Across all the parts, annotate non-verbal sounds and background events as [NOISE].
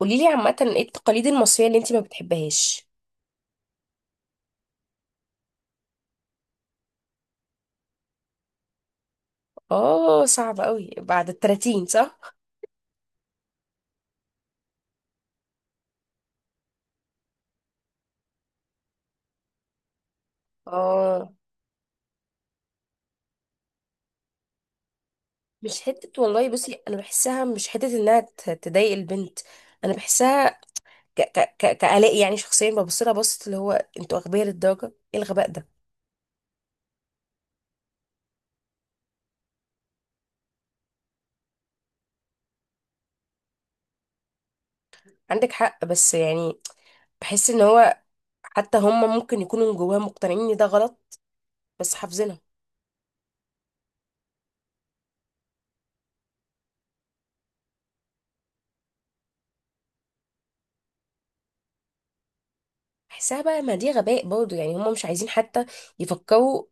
قولي لي عامة ايه التقاليد المصرية اللي انتي ما بتحبهاش. اه، صعب قوي بعد التلاتين صح. اه، مش حتة والله. بصي انا بحسها مش حتة انها تضايق البنت. انا بحسها ك ك ك كآلاء يعني شخصيا ببص لها بصت اللي هو انتوا اغبياء للدرجة. ايه الغباء ده؟ عندك حق بس يعني بحس ان هو حتى هم ممكن يكونوا من جواهم مقتنعين ان ده غلط بس حافظينها. بحسها بقى ما دي غباء برضه، يعني هم مش عايزين حتى يفكروا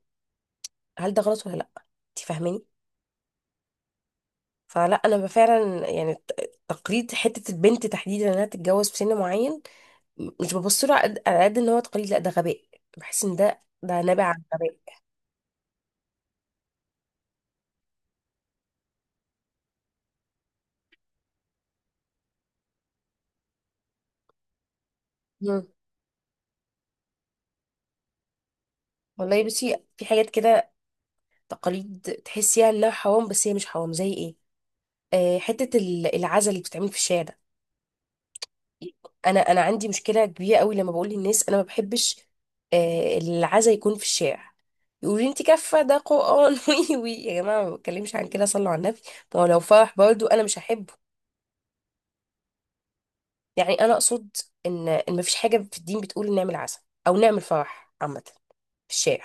هل ده غلط ولا لا. انت فاهماني؟ فلا انا فعلا يعني تقليد حته البنت تحديدا انها تتجوز في سن معين، مش ببص له على قد على قد ان هو تقليد، لا ده غباء. بحس ان ده نابع عن غباء. مم. والله بصي، في حاجات كده تقاليد تحسيها انها حرام بس هي مش حرام، زي ايه؟ آه، حته العزا اللي بتتعمل في الشارع ده. انا عندي مشكله كبيره قوي لما بقول للناس انا ما بحبش آه، العزا يكون في الشارع. يقولوا لي انت كفه ده قران [LAUGHS] وي وي، يا جماعه ما بتكلمش عن كده، صلوا على النبي. ما هو لو فرح برضو انا مش هحبه. يعني انا اقصد ان ما فيش حاجه في الدين بتقول نعمل عزا او نعمل فرح عامه في الشارع.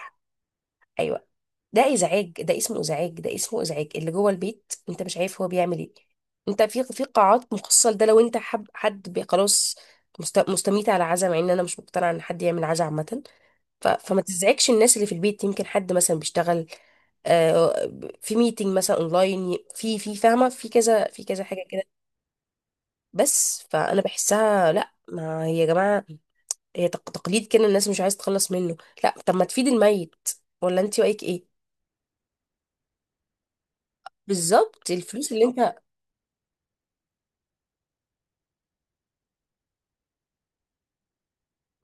ايوه، ده ازعاج، ده اسمه ازعاج، اللي جوه البيت انت مش عارف هو بيعمل ايه. انت في قاعات مخصصه لده، لو انت حب حد خلاص. مستميت على عزا، مع ان انا مش مقتنعه ان حد يعمل عزا عامه. فما تزعجش الناس اللي في البيت، يمكن حد مثلا بيشتغل آه، في ميتنج مثلا اونلاين، في فاهمه، في كذا، في كذا حاجه كده. بس فانا بحسها لا، ما هي يا جماعه هي تقليد كده الناس مش عايز تخلص منه. لا، طب ما تفيد الميت، ولا انت رايك ايه؟ بالظبط، الفلوس اللي انت.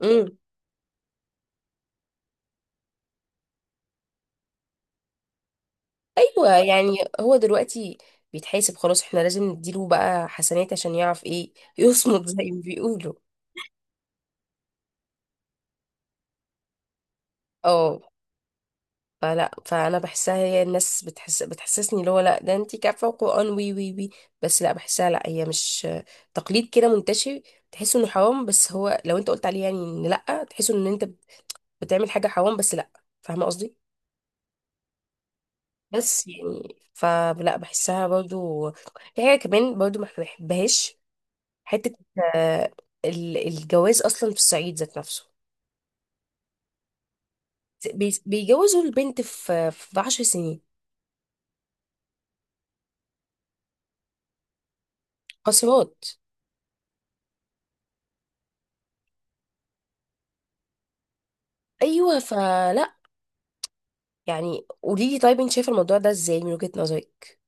امم، ايوه يعني هو دلوقتي بيتحاسب خلاص، احنا لازم نديله بقى حسنات عشان يعرف ايه يصمد [LAUGHS] زي ما بيقولوا. اه، فلا فانا بحسها هي الناس بتحس بتحسسني اللي هو لا ده انت كافه وقران وي وي وي. بس لا بحسها، لا هي مش تقليد كده منتشر، تحس انه حرام، بس هو لو انت قلت عليه يعني ان لا، تحس ان انت بتعمل حاجه حرام، بس لا. فاهمه قصدي؟ بس يعني فلا بحسها برضو. في حاجه كمان برضو ما بحبهاش، حتة آه، الجواز أصلا في الصعيد ذات نفسه. بيجوزوا البنت في عشر سنين، قاصرات. أيوة، فلا يعني قولي لي طيب أنت شايفة الموضوع ده إزاي من وجهة نظرك؟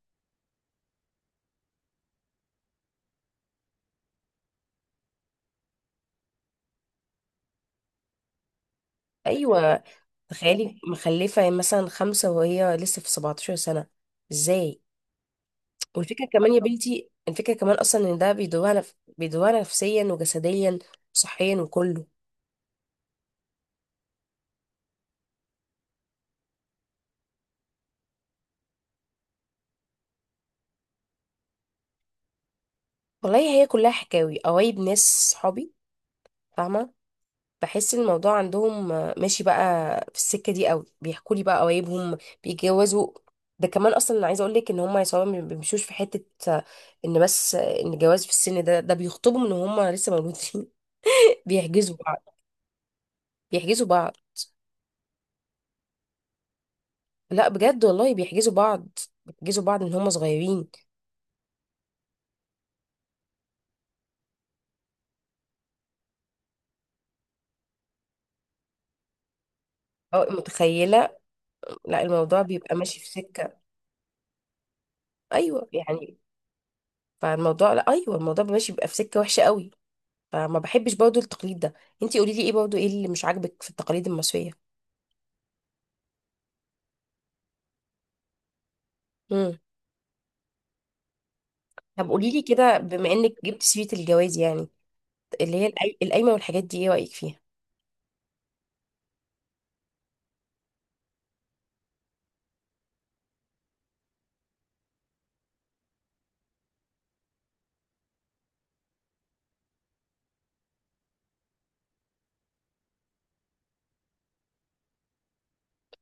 أيوة، تخيلي مخلفة مثلا خمسة وهي لسه في 17 سنة، إزاي؟ والفكرة كمان يا بنتي، الفكرة كمان أصلا إن ده بيدوها بيدوها نفسيا وجسديا وصحيا وكله. والله هي كلها حكاوي قوايب ناس صحابي، فاهمة. بحس إن الموضوع عندهم آه، ماشي بقى في السكة دي قوي، بيحكوا لي بقى قوايبهم بيتجوزوا. ده كمان اصلا انا عايزه اقول لك ان هم يا صحابي ما بيمشوش في حته آه، ان بس آه، ان الجواز في السن ده ده بيخطبهم ان هم لسه مولودين. [LAUGHS] بيحجزوا بعض، بيحجزوا بعض. لا بجد والله بيحجزوا بعض، بيحجزوا بعض ان هم صغيرين. أو متخيله، لا الموضوع بيبقى ماشي في سكه. ايوه يعني، فالموضوع لا ايوه، الموضوع بيبقى ماشي، بيبقى في سكه وحشه قوي. فما بحبش برضو التقليد ده. انتي قولي لي ايه برضو، ايه اللي مش عاجبك في التقاليد المصرية؟ امم. طب قولي لي كده بما انك جبت سيرة الجواز، يعني اللي هي القايمة والحاجات دي، ايه رأيك فيها؟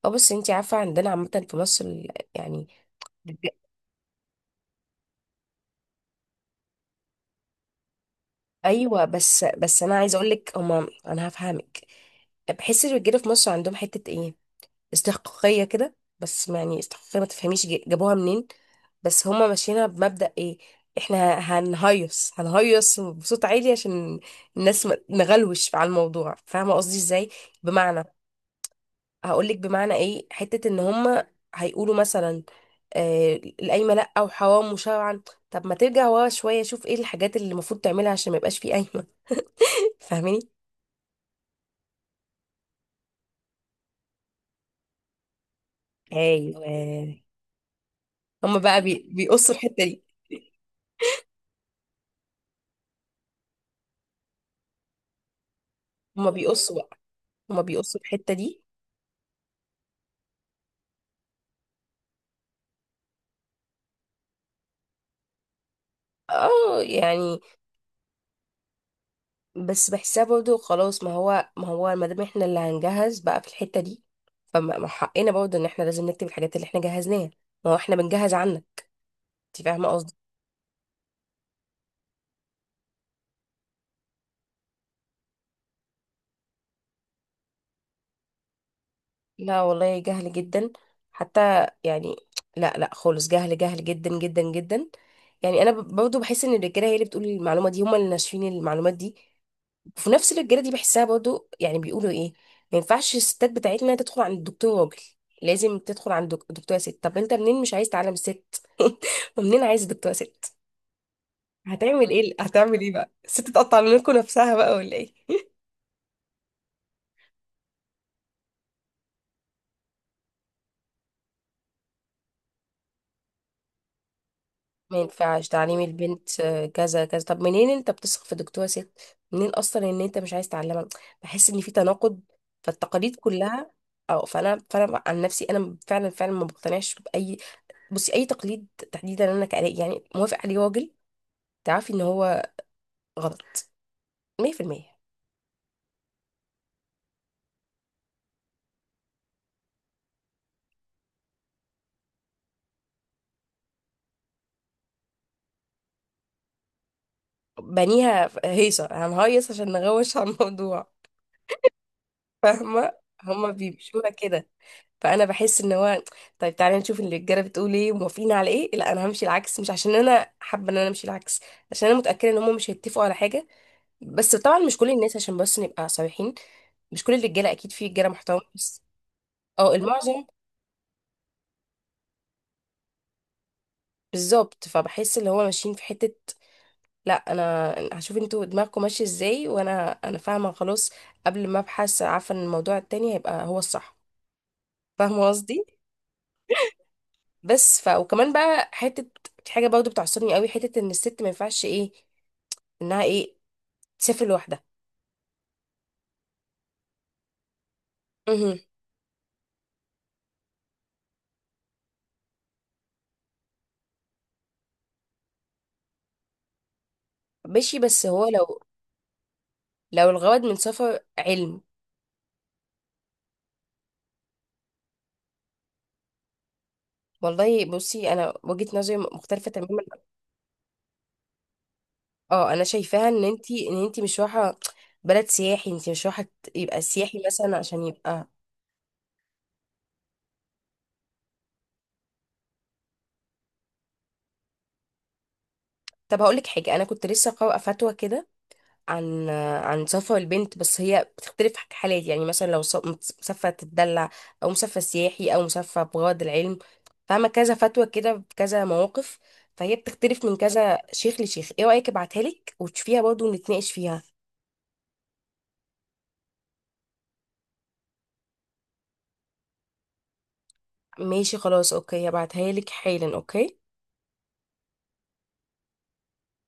اه، بس انتي عارفة عندنا عامة في مصر يعني الج- ايوه، بس انا عايزة اقول لك هما، انا هفهمك. بحس الرجالة في مصر عندهم حتة ايه، استحقاقية كده، بس ما يعني استحقاقية ما تفهميش جابوها منين. بس هما ماشيينها بمبدأ ايه؟ احنا هنهيص، هنهيص بصوت عالي عشان الناس نغلوش على الموضوع. فاهمة قصدي ازاي؟ بمعنى هقولك بمعنى ايه، حتة ان هما هيقولوا مثلا آه، القايمة لأ وحرام وشرعا. طب ما ترجع ورا شوية، شوف ايه الحاجات اللي المفروض تعملها عشان ما يبقاش فيه قايمة. [LAUGHS] فاهماني؟ ايوه، هما بقى بيقصوا الحتة دي، هما بيقصوا بقى، هما بيقصوا الحتة دي. اه يعني، بس بحسها برضه خلاص، ما هو ما هو ما دام احنا اللي هنجهز بقى في الحتة دي، فما ما حقنا برضه ان احنا لازم نكتب الحاجات اللي احنا جهزناها. ما هو احنا بنجهز عنك، انت فاهمة قصدي؟ لا والله، جهل جدا، حتى يعني لا لا خالص، جهل جهل جدا جدا جدا. يعني انا برضه بحس ان الرجاله هي اللي بتقول المعلومة دي، هم اللي ناشفين المعلومات دي. وفي نفس الرجاله دي بحسها برضو، يعني بيقولوا ايه، ما ينفعش الستات بتاعتنا تدخل عند الدكتور راجل، لازم تدخل عند دكتوره ست. طب انت منين مش عايز تعلم ست [LAUGHS] ومنين عايز دكتوره ست؟ هتعمل ايه، هتعمل ايه بقى الست، تقطع منكم نفسها بقى ولا ايه؟ [LAUGHS] ما ينفعش تعليم البنت آه، كذا كذا، طب منين انت بتثق في دكتوره ست منين اصلا ان انت مش عايز تعلمها؟ بحس ان في تناقض فالتقاليد كلها. او فانا، فانا عن نفسي انا فعلا فعلا ما بقتنعش باي، بصي، اي تقليد تحديدا انا كألاقي يعني موافق عليه راجل، تعرفي ان هو غلط 100%. بنيها هيصه، هنهيص عشان نغوش على الموضوع، فاهمه. هما بيمشوها كده، فانا بحس ان هو طيب تعالي نشوف اللي الرجاله بتقول ايه وموافقين على ايه، لا انا همشي العكس، مش عشان انا حابه ان انا امشي العكس، عشان انا متاكده ان هما مش هيتفقوا على حاجه. بس طبعا مش كل الناس، عشان بس نبقى صريحين، مش كل الرجاله اكيد، في رجاله محترمه بس، اه المعظم. بالظبط، فبحس اللي هو ماشيين في حته لا انا هشوف انتوا دماغكم ماشيه ازاي، وانا فاهمه خلاص قبل ما ابحث، عارفه ان الموضوع التاني هيبقى هو الصح. فاهمه قصدي؟ بس ف وكمان بقى حته، في حاجه برضه بتعصبني قوي، حته ان الست ما ينفعش ايه، انها ايه، تسافر لوحدها. امم. ماشي بس هو لو الغرض من سفر علم. والله بصي انا وجهه نظري مختلفه تماما. اه انا شايفاها ان انتي ان انتي مش رايحه بلد سياحي، انتي مش رايحه يبقى سياحي مثلا عشان يبقى. طب هقولك حاجة، أنا كنت لسه قارئة فتوى كده عن، عن سفر البنت، بس هي بتختلف حالات، يعني مثلا لو مسافرة تتدلع، أو مسافرة سياحي، أو مسافرة بغرض العلم. فاهمة، كذا فتوى كده بكذا مواقف، فهي بتختلف من كذا شيخ لشيخ. ايه رأيك ابعتها لك وتشوفيها برضه ونتناقش فيها؟ ماشي خلاص، اوكي، هبعتها لك حالا. اوكي.